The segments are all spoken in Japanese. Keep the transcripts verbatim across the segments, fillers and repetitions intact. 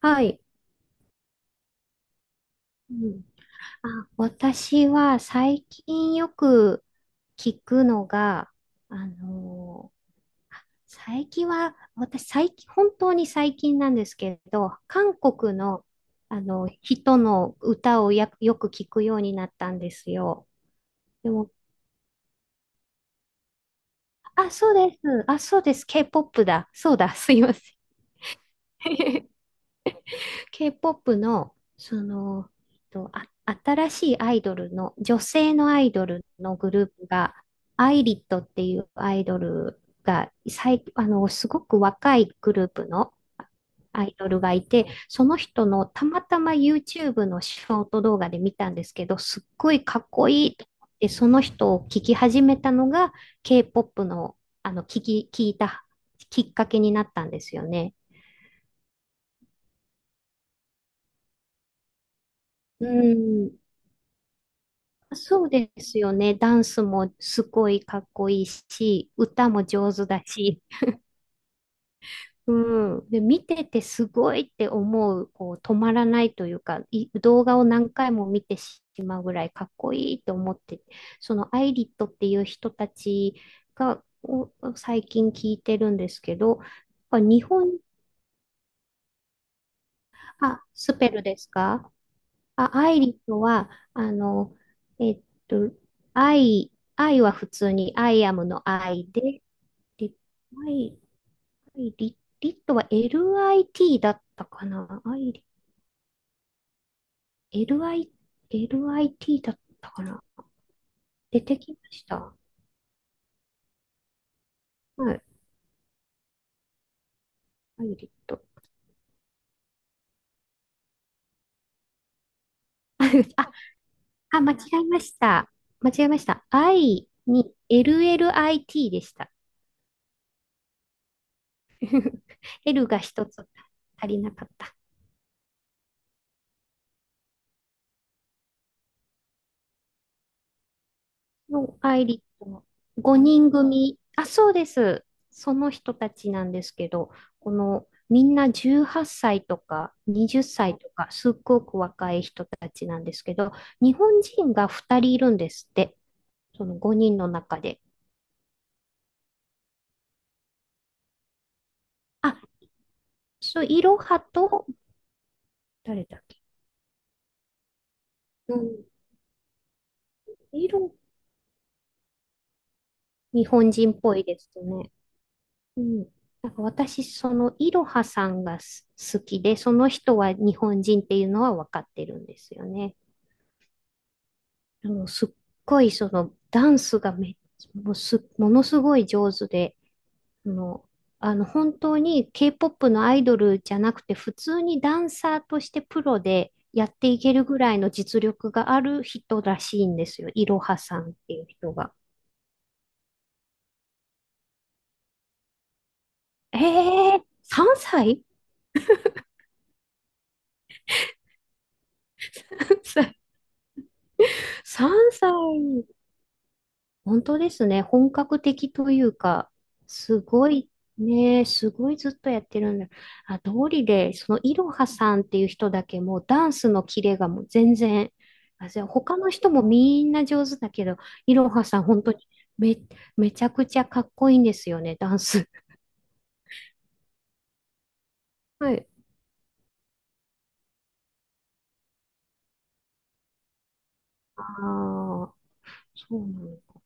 はい。うん。あ、私は最近よく聞くのが、あのーあ、最近は、私最近、本当に最近なんですけど、韓国の、あの人の歌をやよく聞くようになったんですよ。でも、あ、そうです。あ、そうです。K-ケーポップ だ。そうだ。すいません。K-ケーポップ の、その、えっと、あ、新しいアイドルの、女性のアイドルのグループが、アイリットっていうアイドルが、最、あの、すごく若いグループのアイドルがいて、その人のたまたま YouTube のショート動画で見たんですけど、すっごいかっこいいと思って、その人を聞き始めたのが、K-ケーポップ の、あの、聞き、聞いたきっかけになったんですよね。うん。そうですよね。ダンスもすごいかっこいいし、歌も上手だし、うん。で、見ててすごいって思う、こう、止まらないというか、い動画を何回も見てしまうぐらいかっこいいと思って、そのアイリットっていう人たちが、を最近聞いてるんですけど、やっぱ日本、あ、スペルですか？あ、愛理とは、あの、えっと、愛、愛は普通に、アイアムの愛で、リ、愛、愛リ、リットは エルアイティー だったかな。愛リ、エルアイ、エルアイティー だったかな。出てきました。はい、愛リット。あ、あ、間違えました。間違えました。愛に エルエルアイティー でした。L が一つ足りなかった。のアイリットのごにん組、あ、そうです。その人たちなんですけど、このみんなじゅうはっさいとかはたちとか、すっごく若い人たちなんですけど、日本人がふたりいるんですって、そのごにんの中で。あ、そう、いろはと、誰だっけ？うん、いろ、日本人っぽいですね。うん。なんか私、そのいろはさんがす好きで、その人は日本人っていうのは分かってるんですよね。あの、すっごいそのダンスがめ、もうす、ものすごい上手で、あの、あの本当に K-ケーポップ のアイドルじゃなくて普通にダンサーとしてプロでやっていけるぐらいの実力がある人らしいんですよ。いろはさんっていう人が。えー、さんさい ?さん 歳 本当ですね。本格的というか、すごいね、すごいずっとやってるんだ。あ、通りで、そのいろはさんっていう人だけもうダンスのキレがもう全然、あ、じゃあ他の人もみんな上手だけど、いろはさん本当にめ、めちゃくちゃかっこいいんですよね、ダンス。はい。ああ、そうなの。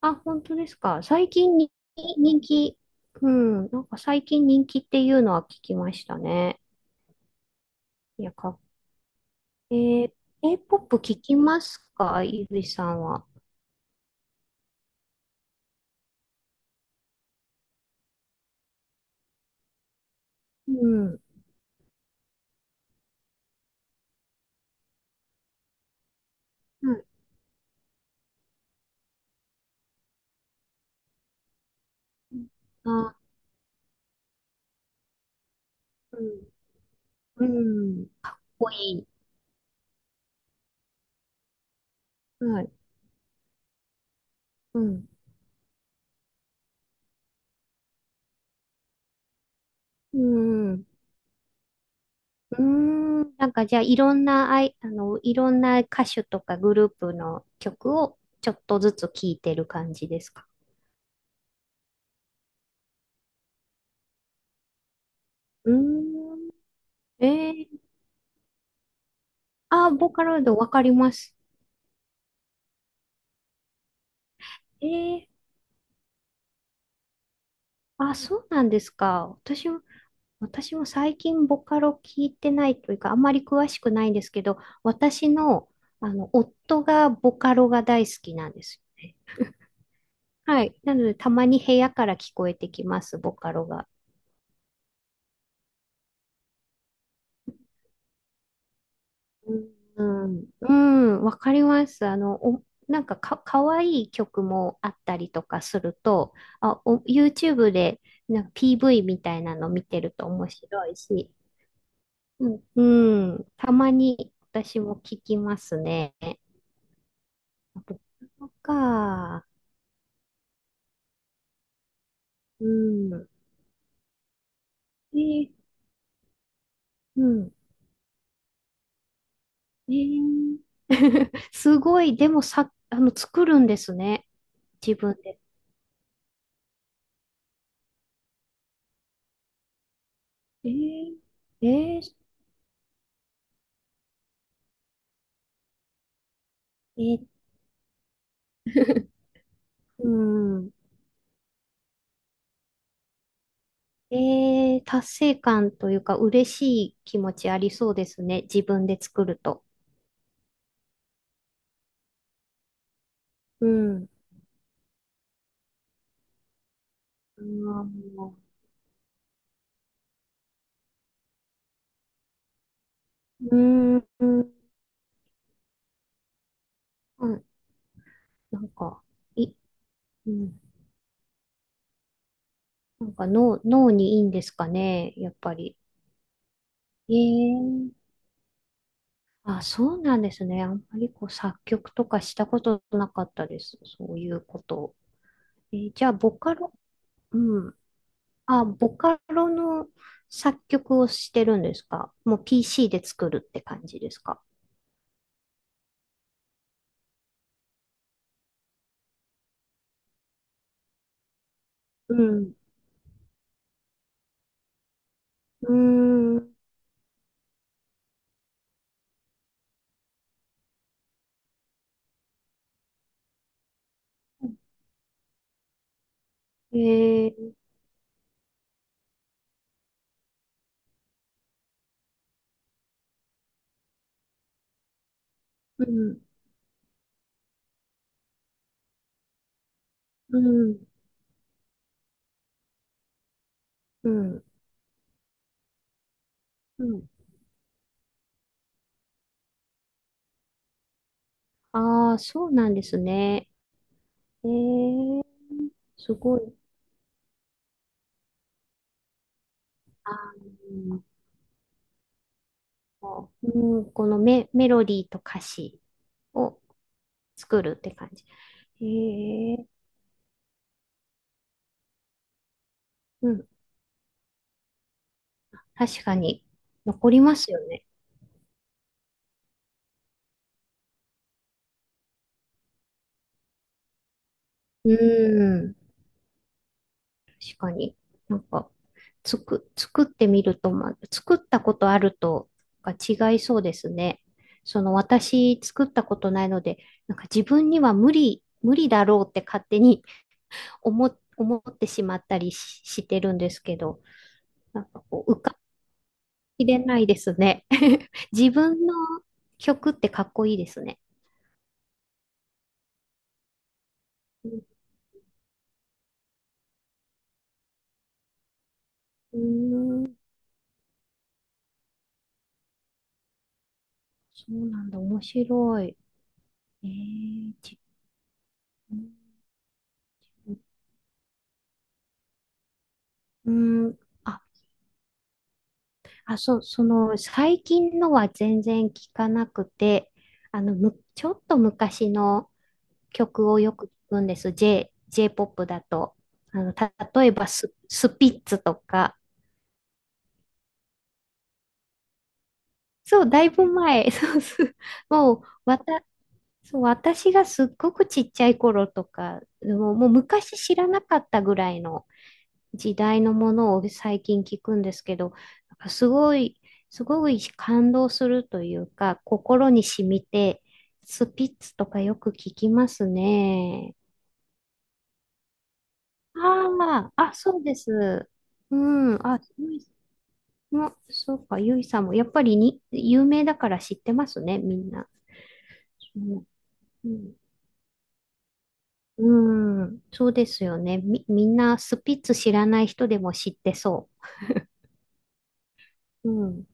あ、本当ですか？最近に人気、うん、なんか最近人気っていうのは聞きましたね。いや、かっえー、K-ケーポップ 聞きますか、ゆりさんは？うん。はい。あ、うん。うん。多いい。はい。うん。うん。うーん。なんかじゃあ、いろんな、あい、あの、いろんな歌手とかグループの曲をちょっとずつ聴いてる感じですか？うーん。えー、あ、ボーカロイドわかります。えー、あ、そうなんですか？私は私も最近ボカロ聞いてないというか、あんまり詳しくないんですけど、私の、あの、夫がボカロが大好きなんですよ。はい。なので、たまに部屋から聞こえてきます、ボカロが。うん。うん、わかります。あの、お、なんかか、かわいい曲もあったりとかすると、あ、お、YouTube でなんか ピーブイ みたいなの見てると面白いし、うん、うん、たまに私も聞きますね。あと、そか。うん。えうん。えー すごい、でもさ、あの、作るんですね。自分で。えー、えー、えー うん。えー、達成感というか、嬉しい気持ちありそうですね。自分で作ると。うん。あーうん。うん、なんか、い、うん。なんか脳、脳にいいんですかね、やっぱり。ええあ、そうなんですね。あんまりこう作曲とかしたことなかったです。そういうこと。えーじゃあ、ボカロ、うん。あ、ボカロの作曲をしてるんですか？もう ピーシー で作るって感じですか？うん。うーん。えー、うん、うん、うん、うん。ああ、そうなんですね。えー、すごい。あー、うん、このメ、メロディーと歌詞を作るって感じ。へえ、うん。確かに、残りますよね。うん。確かに。なんか、つく、作ってみると、ま、作ったことあるとが違いそうですね。その、私、作ったことないので、なんか自分には無理、無理だろうって勝手に 思、思ってしまったりし、してるんですけど、なんかこう、浮かびきれないですね。自分の曲ってかっこいいですね。うん。そうなんだ、面白い。えー、ち、うん、あ、あ、そう、その、最近のは全然聞かなくて、あの、む、ちょっと昔の曲をよく聞くんです。J、J-ジェイポップ だと。あの、た、例えばス、スピッツとか。そう、だいぶ前。そうす、もう、わた、そう、私がすっごくちっちゃい頃とか、もう、もう昔知らなかったぐらいの、時代のものを最近聞くんですけど、なんかすごい、すごい感動するというか、心に染みて、スピッツとかよく聞きますね。ああ、あ、そうです。うん、あ、ゆいも、そうか、ゆいさんも、やっぱりに、有名だから知ってますね、みんな。うん、うんうんそうですよね。み、みんなスピッツ知らない人でも知ってそう。うん